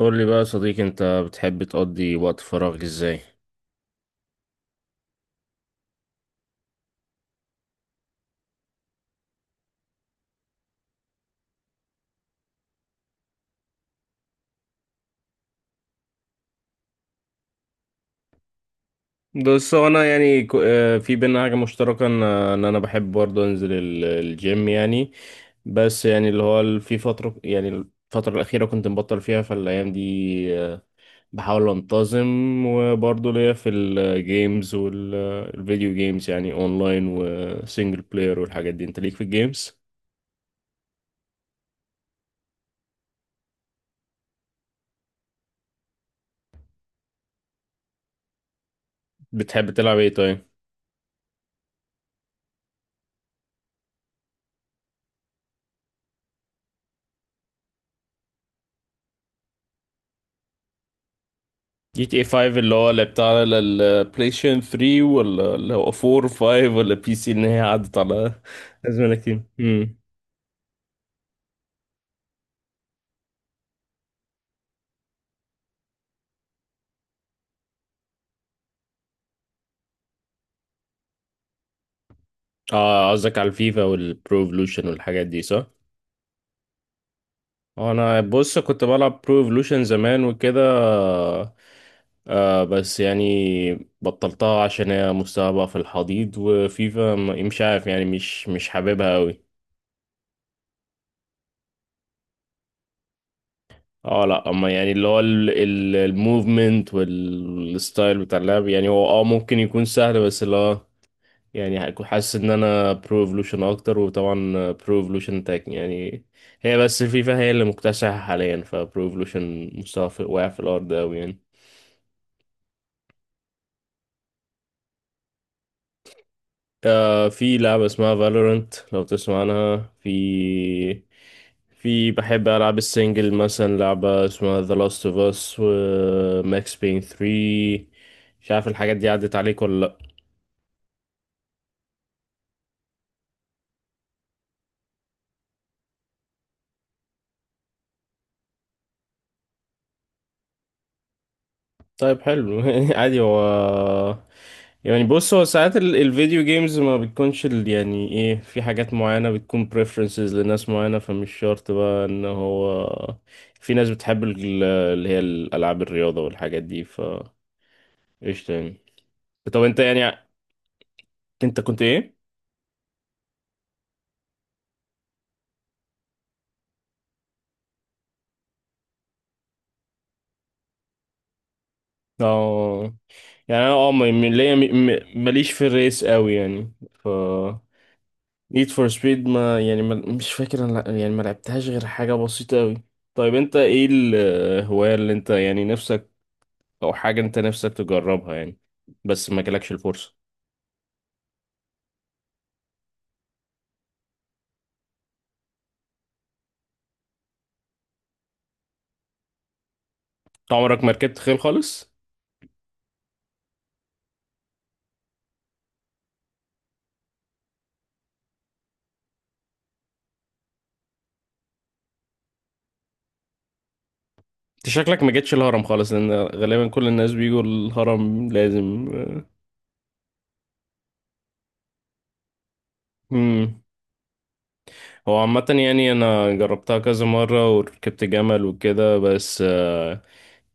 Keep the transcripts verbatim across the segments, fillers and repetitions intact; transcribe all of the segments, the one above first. قول لي بقى يا صديقي، انت بتحب تقضي وقت فراغك ازاي؟ بص، هو انا يعني كو- آه، في بينا حاجه مشتركه، ان ان انا بحب برضه انزل ال- الجيم يعني. بس يعني اللي هو ال- في فتره، يعني الفتره الاخيره كنت مبطل فيها فالايام دي. آه، بحاول انتظم، وبرضه ليا في الجيمز والفيديو جيمز، يعني اونلاين وسنجل بلاير والحاجات دي. انت ليك في الجيمز؟ بتحب تلعب ايه طيب؟ جي تي اي خمسة اللي هو لعبتها على البلاي ستيشن تلاتة، ولا اللي هو اربعة، خمسة؟ ولا بي سي؟ ان هي عدت على ازمنه كتير. امم. اه، قصدك على الفيفا والبرو ايفولوشن والحاجات دي، صح؟ انا بص كنت بلعب برو ايفولوشن زمان وكده. آه بس يعني بطلتها عشان هي مستواها بقى في الحضيض. وفيفا م- مش عارف، يعني مش مش حاببها قوي. اه، لا، اما يعني اللي هو الموفمنت والستايل بتاع اللعب، يعني هو اه ممكن يكون سهل، بس اللي هو يعني هكون حاسس ان انا برو ايفولوشن اكتر. وطبعا برو ايفولوشن تاك يعني، هي بس الفيفا هي اللي مكتسحة حاليا، فبرو ايفولوشن مستوى في- واقع في الارض اوي يعني. آه في لعبة اسمها فالورنت، لو تسمع عنها. في في بحب ألعاب السنجل، مثلا لعبة اسمها The Last of Us و Max Payne تلاتة. مش عارف الحاجات دي عدت عليك ولا لأ؟ طيب، حلو. عادي. هو يعني بص، هو ساعات ال- الفيديو جيمز ما بتكونش ال... يعني ايه، في حاجات معينة بتكون preferences لناس معينة، فمش شرط بقى ان هو في ناس بتحب ال- اللي هي الألعاب الرياضة والحاجات دي، ف قشطة يعني. طب انت يعني، انت كنت ايه؟ اه، يعني انا اه م- م- ليا م- م- ماليش في الريس قوي يعني، ف نيد فور سبيد ما يعني ما مش فاكر انا، لا- يعني ما لعبتهاش غير حاجة بسيطة قوي. طيب، انت ايه الهواية اللي انت يعني نفسك، او حاجة انت نفسك تجربها يعني، بس ما جالكش الفرصة؟ انت عمرك ما ركبت خيل خالص؟ انت شكلك ما جيتش الهرم خالص، لان غالبا كل الناس بيجوا الهرم لازم. امم. هو عامة، يعني أنا جربتها كذا مرة وركبت جمل وكده، بس آه،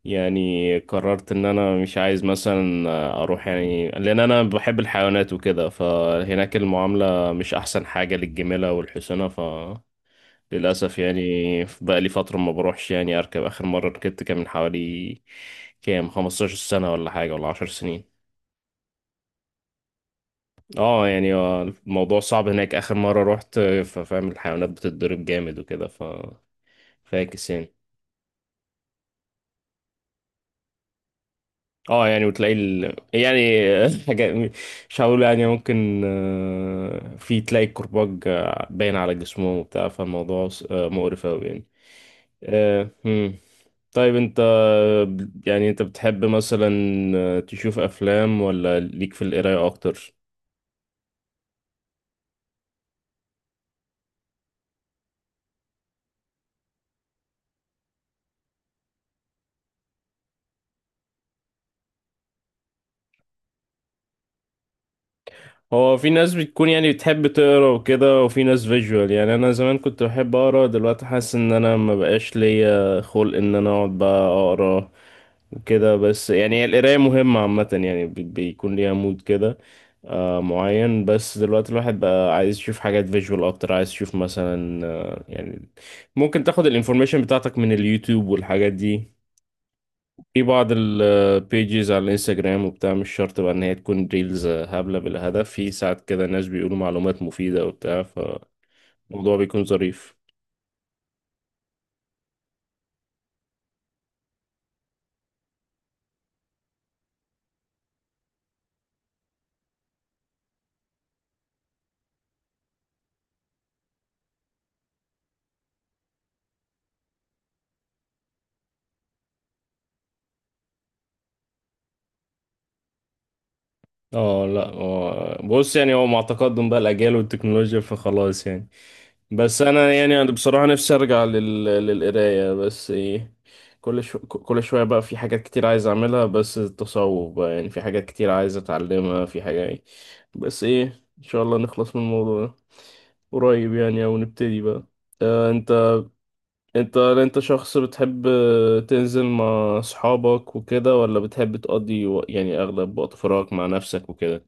يعني قررت إن أنا مش عايز مثلا آه، أروح، يعني لأن أنا بحب الحيوانات وكده، فهناك المعاملة مش أحسن حاجة للجميلة والحسنة، فللأسف يعني. بقى لي فترة ما بروحش يعني. أركب، آخر مرة ركبت، كان من حوالي كام خمستاشر سنة ولا حاجة، ولا عشر سنين. اه يعني. آه، الموضوع صعب هناك آخر مرة روحت، آه، ففاهم الحيوانات بتتضرب جامد وكده، ف فاكس يعني. اه يعني، وتلاقي ال... يعني حاجة، مش هقول يعني، ممكن آه، في تلاقي الكرباج آه، باين على جسمه وبتاع، فالموضوع س- آه، مقرف أوي يعني. آه، مم. طيب انت، آه، يعني انت بتحب مثلا آه، تشوف أفلام، ولا ليك في القراية أكتر؟ هو في ناس بتكون يعني بتحب تقرا وكده، وفي ناس فيجوال. يعني انا زمان كنت بحب اقرا، دلوقتي حاسس ان انا ما بقاش ليا خلق ان انا اقعد بقى اقرا وكده. بس يعني القرايه مهمه عامه يعني، بي- بيكون ليها مود كده آه معين. بس دلوقتي الواحد بقى عايز يشوف حاجات فيجوال اكتر، عايز يشوف مثلا آه يعني، ممكن تاخد الانفورميشن بتاعتك من اليوتيوب والحاجات دي، في بعض البيجز على الانستجرام وبتاع. مش شرط بقى ان هي تكون ريلز هبلة بالهدف، في ساعات كده ناس بيقولوا معلومات مفيدة وبتاع، فالموضوع بيكون ظريف. اه، لا، هو بص يعني، هو مع تقدم بقى الاجيال والتكنولوجيا فخلاص يعني. بس انا يعني، انا بصراحه نفسي ارجع لل... للقرايه، بس ايه، كل شو... كل شويه بقى في حاجات كتير عايز اعملها. بس التصوف بقى يعني، في حاجات كتير عايز اتعلمها في حاجه يعني. بس ايه، ان شاء الله نخلص من الموضوع ده قريب يعني، او نبتدي بقى. آه انت انت انت شخص بتحب تنزل مع اصحابك وكده، ولا بتحب تقضي و... يعني اغلب وقت فراغك مع نفسك وكده؟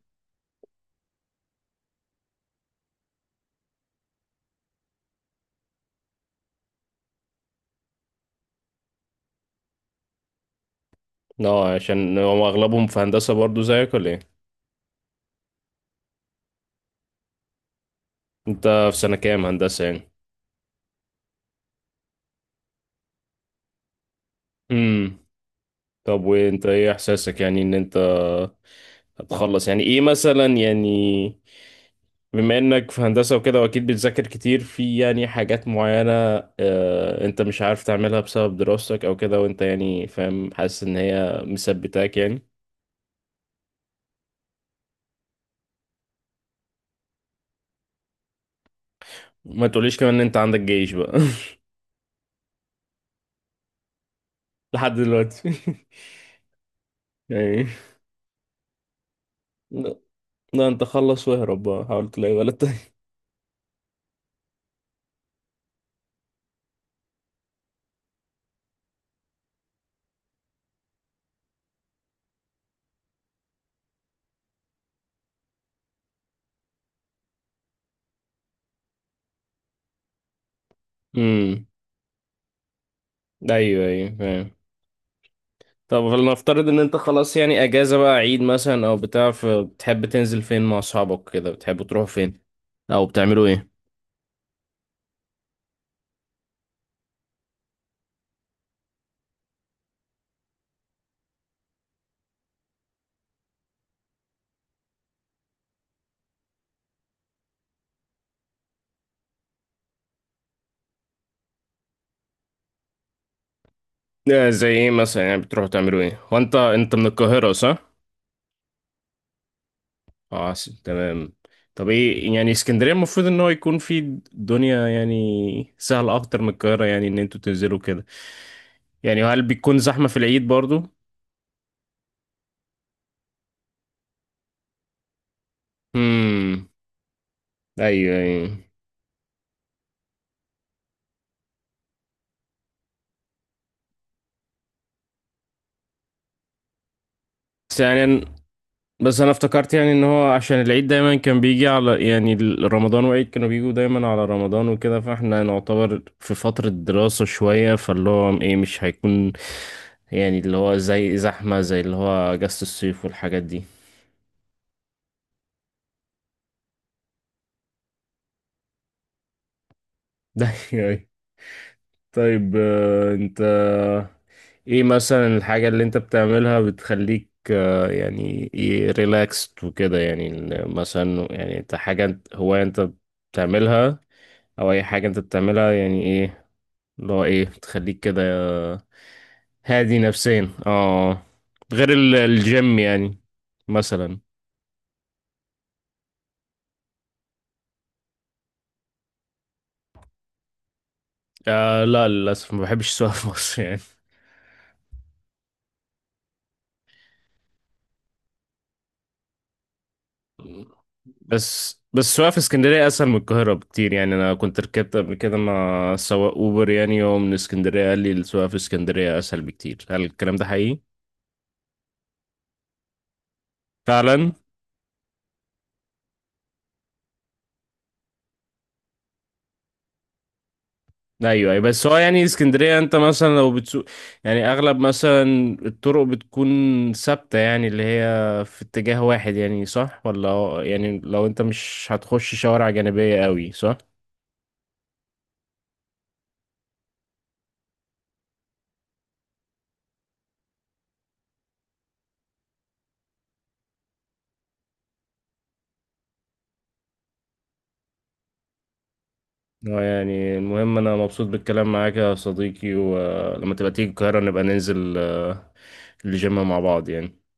اه، عشان هو اغلبهم في هندسة برضو زيك، ولا ايه؟ انت في سنة كام هندسة يعني؟ امم. طب، وانت ايه احساسك يعني ان انت هتخلص، يعني ايه مثلا يعني، بما انك في هندسة وكده واكيد بتذاكر كتير في يعني حاجات معينة، آه انت مش عارف تعملها بسبب دراستك او كده، وانت يعني فاهم حاسس ان هي مثبتاك يعني؟ ما تقوليش كمان ان انت عندك جيش بقى. لحد دلوقتي. يعني، لا. لا، انت خلص واهرب بقى، حاول تلاقي ولد تاني. ايوه ايوه فاهم. طب، فلنفترض ان انت خلاص يعني اجازه بقى، عيد مثلا او بتاع، فبتحب تنزل فين مع اصحابك كده؟ بتحبوا تروحوا فين، او بتعملوا ايه؟ آه، زي ايه مثلا يعني، بتروحوا تعملوا ايه؟ هو انت انت من القاهره، صح؟ اه، س- تمام. طب ايه يعني، اسكندريه المفروض ان هو يكون في دنيا يعني سهله اكتر من القاهره، يعني ان انتوا تنزلوا كده. يعني هل بيكون زحمه في العيد برضو؟ امم. ايوه ايوه. بس يعني بس انا افتكرت يعني ان هو عشان العيد دايما كان بيجي على يعني ال- رمضان، وعيد كانوا بيجوا دايما على رمضان وكده، فاحنا نعتبر في فترة دراسة شوية، فاللي هو ايه مش هيكون يعني اللي هو زي زحمة، زي اللي هو اجازة الصيف والحاجات دي. ده يعني. طيب، آه، انت ايه مثلا الحاجة اللي انت بتعملها بتخليك، آه، يعني ايه، ريلاكست وكده، يعني ال- مثلا، يعني انت حاجة انت- هواية انت بتعملها، او اي حاجة انت بتعملها يعني إيه؟ اللي هو ايه تخليك كده هادي نفسيا، اه، غير ال- الجيم يعني، مثلا. آه لا، للأسف ما بحبش السواقة في مصر يعني. بس بس السواقة في اسكندرية أسهل من القاهرة بكتير يعني. أنا كنت ركبت قبل كده مع سواق أوبر، يعني هو من اسكندرية، قال لي السواقة في اسكندرية أسهل بكتير. هل الكلام ده حقيقي؟ فعلا. ايوه ايوه، بس هو يعني اسكندريه انت مثلا لو بتسوق، يعني اغلب مثلا الطرق بتكون ثابته، يعني اللي هي في اتجاه واحد، يعني صح؟ ولا هو- يعني لو انت مش هتخش شوارع جانبيه قوي، صح؟ هو يعني المهم انا مبسوط بالكلام معاك يا صديقي، ولما تبقى تيجي القاهره نبقى ننزل آه، الجيم مع بعض يعني.